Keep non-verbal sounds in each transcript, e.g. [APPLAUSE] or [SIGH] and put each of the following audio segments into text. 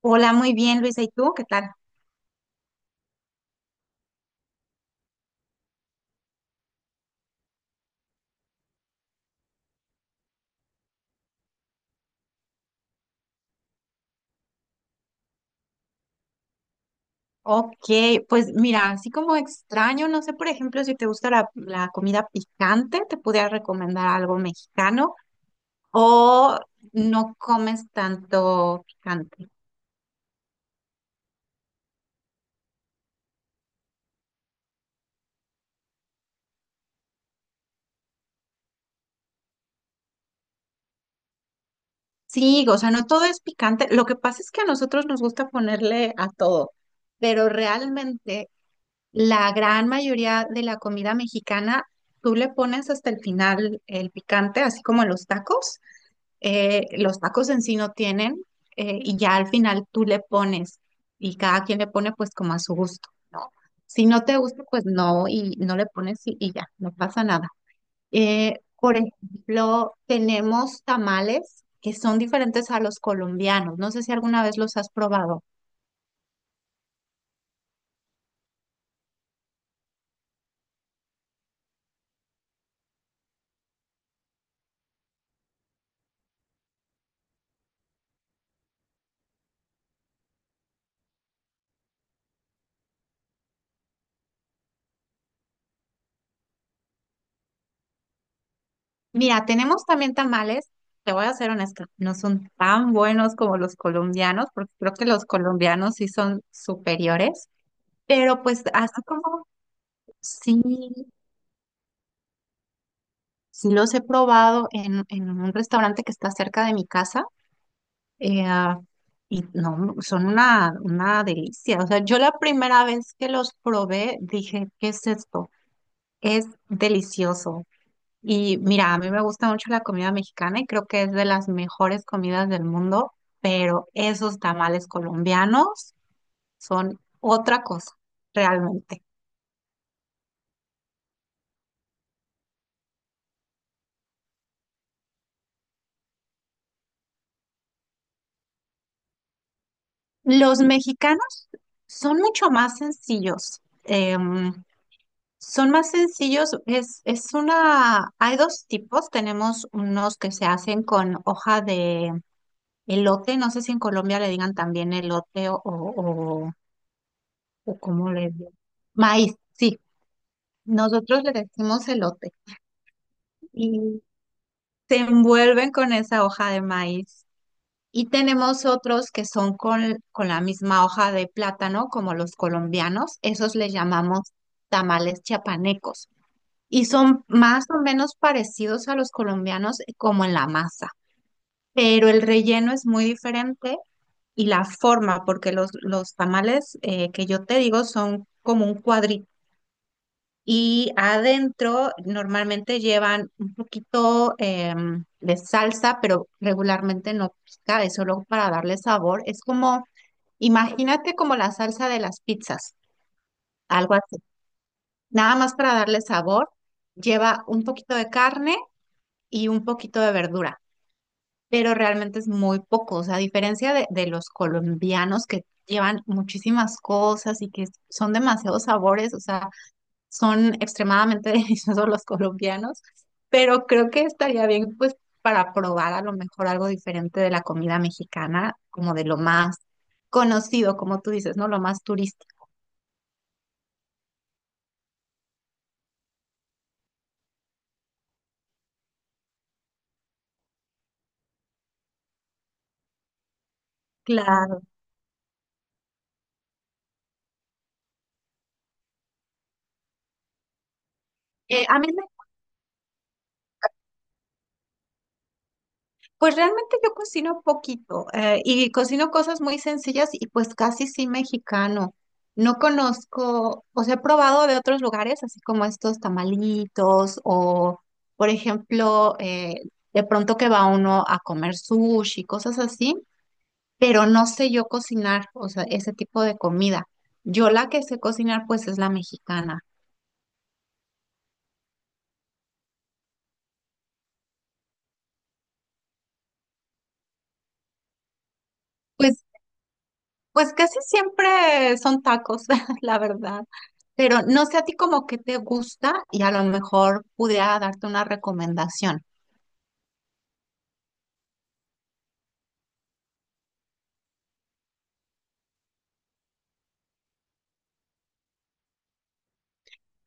Hola, muy bien, Luisa. ¿Y tú qué tal? Ok, pues mira, así como extraño, no sé, por ejemplo, si te gusta la comida picante, te pudiera recomendar algo mexicano o no comes tanto picante. Sí, o sea, no todo es picante. Lo que pasa es que a nosotros nos gusta ponerle a todo, pero realmente la gran mayoría de la comida mexicana, tú le pones hasta el final el picante, así como en los tacos. Los tacos en sí no tienen y ya al final tú le pones y cada quien le pone pues como a su gusto, ¿no? Si no te gusta, pues no y no le pones y ya, no pasa nada. Por ejemplo, tenemos tamales que son diferentes a los colombianos. No sé si alguna vez los has probado. Mira, tenemos también tamales. Te voy a ser honesta, no son tan buenos como los colombianos, porque creo que los colombianos sí son superiores, pero pues así como sí, sí los he probado en un restaurante que está cerca de mi casa eh, ah, y no, son una delicia. O sea, yo la primera vez que los probé dije, ¿qué es esto? Es delicioso. Y mira, a mí me gusta mucho la comida mexicana y creo que es de las mejores comidas del mundo, pero esos tamales colombianos son otra cosa, realmente. Los mexicanos son mucho más sencillos. Son más sencillos, hay dos tipos, tenemos unos que se hacen con hoja de elote, no sé si en Colombia le digan también elote o cómo le digan, maíz, sí, nosotros le decimos elote y se envuelven con esa hoja de maíz. Y tenemos otros que son con la misma hoja de plátano, como los colombianos, esos le llamamos tamales chiapanecos. Y son más o menos parecidos a los colombianos, como en la masa, pero el relleno es muy diferente y la forma, porque los tamales que yo te digo son como un cuadrito y adentro normalmente llevan un poquito de salsa, pero regularmente no pica, es solo para darle sabor. Es como, imagínate como la salsa de las pizzas, algo así, nada más para darle sabor. Lleva un poquito de carne y un poquito de verdura, pero realmente es muy poco, o sea, a diferencia de los colombianos que llevan muchísimas cosas y que son demasiados sabores, o sea, son extremadamente [LAUGHS] deliciosos los colombianos, pero creo que estaría bien pues para probar a lo mejor algo diferente de la comida mexicana, como de lo más conocido, como tú dices, ¿no? Lo más turístico. Claro. A mí, pues realmente yo cocino poquito, y cocino cosas muy sencillas y pues casi sí mexicano. No conozco, o sea, he probado de otros lugares, así como estos tamalitos o, por ejemplo, de pronto que va uno a comer sushi, cosas así, pero no sé yo cocinar, o sea, ese tipo de comida. Yo la que sé cocinar pues es la mexicana. Pues, pues casi siempre son tacos, [LAUGHS] la verdad. Pero no sé a ti como que te gusta y a lo mejor pudiera darte una recomendación.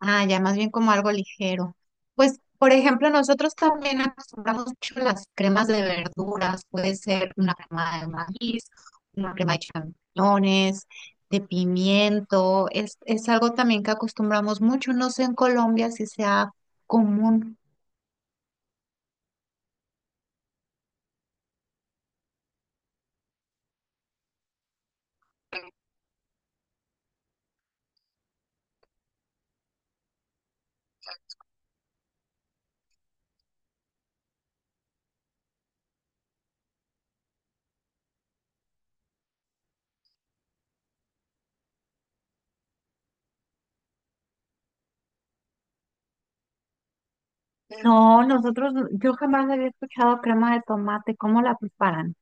Ah, ya más bien como algo ligero. Pues, por ejemplo, nosotros también acostumbramos mucho las cremas de verduras. Puede ser una crema de maíz, una crema de champiñones, de pimiento. Es algo también que acostumbramos mucho. No sé en Colombia si sea común. No, nosotros, yo jamás había escuchado crema de tomate, ¿cómo la preparan?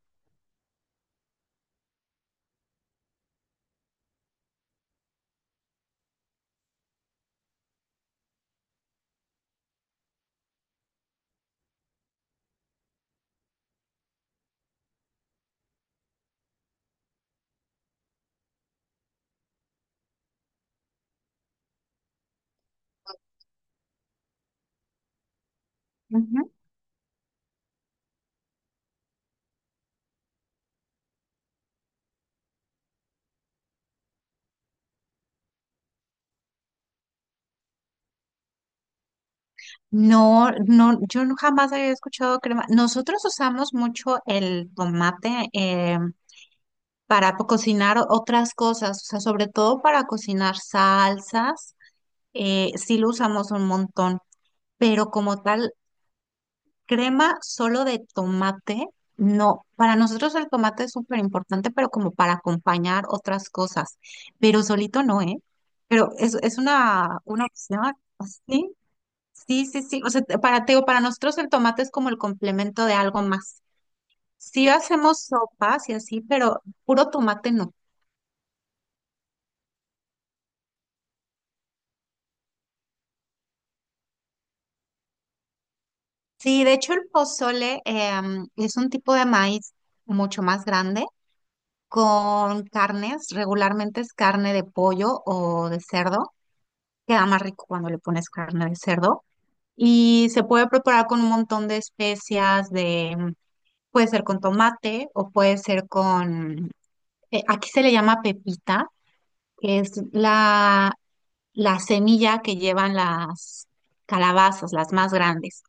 Ujú. No, no, yo no- jamás había escuchado crema. Nosotros usamos mucho el tomate, para po- cocinar o- otras cosas, o sea, sobre todo para cocinar salsas, sí lo usamos un montón, pero como tal, crema solo de tomate, no. Para nosotros el tomate es súper importante, pero como para acompañar otras cosas. Pero solito no, ¿eh? Pero es una opción así. Sí, sí, sí. O sea, te- para, te digo, para nosotros el tomate es como el complemento de algo más. Sí hacemos sopas y así, pero puro tomate no. Sí, de hecho el pozole es un tipo de maíz mucho más grande con carnes, regularmente es carne de pollo o de cerdo. Queda más rico cuando le pones carne de cerdo y se puede preparar con un montón de especias de, puede ser con tomate o puede ser con, aquí se le llama pepita, que es la semilla que llevan las calabazas, las más grandes.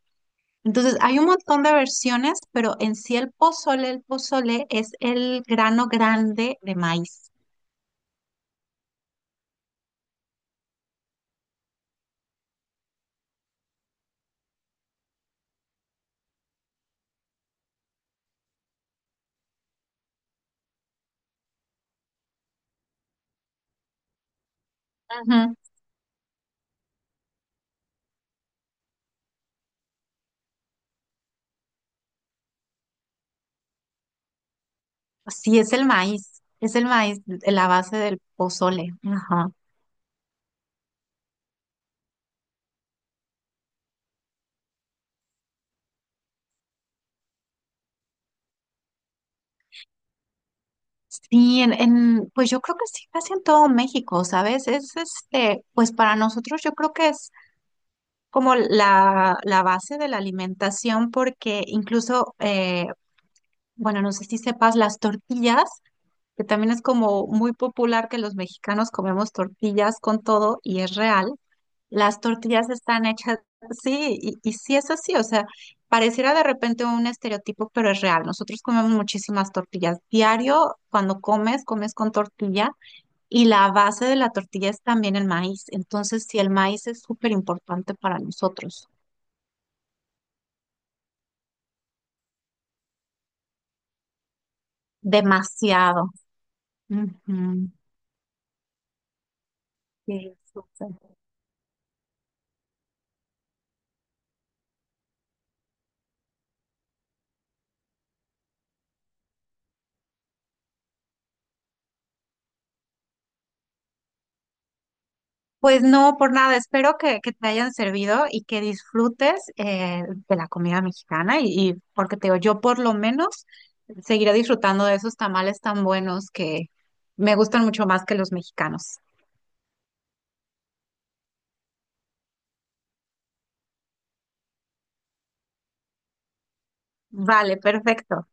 Entonces, hay un montón de versiones, pero en sí el pozole es el grano grande de maíz. Ujú. Sí, es el maíz, la base del pozole. Ajá. Sí, en, pues yo creo que sí, casi en todo México, ¿sabes? Es este, pues para nosotros yo creo que es como la base de la alimentación, porque incluso, bueno, no sé si sepas, las tortillas, que también es como muy popular que los mexicanos comemos tortillas con todo, y es real, las tortillas están hechas, sí, y sí es así, o sea, pareciera de repente un estereotipo, pero es real. Nosotros comemos muchísimas tortillas. Diario, cuando comes, comes con tortilla. Y la base de la tortilla es también el maíz. Entonces, sí, el maíz es súper importante para nosotros. Demasiado. Ujú, sí, súper. Pues no, por nada. Espero que te hayan servido y que disfrutes, de la comida mexicana. Y porque te digo, yo por lo menos seguiré disfrutando de esos tamales tan buenos que me gustan mucho más que los mexicanos. Vale, perfecto.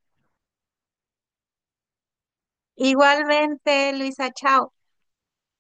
Igualmente, Luisa, chao.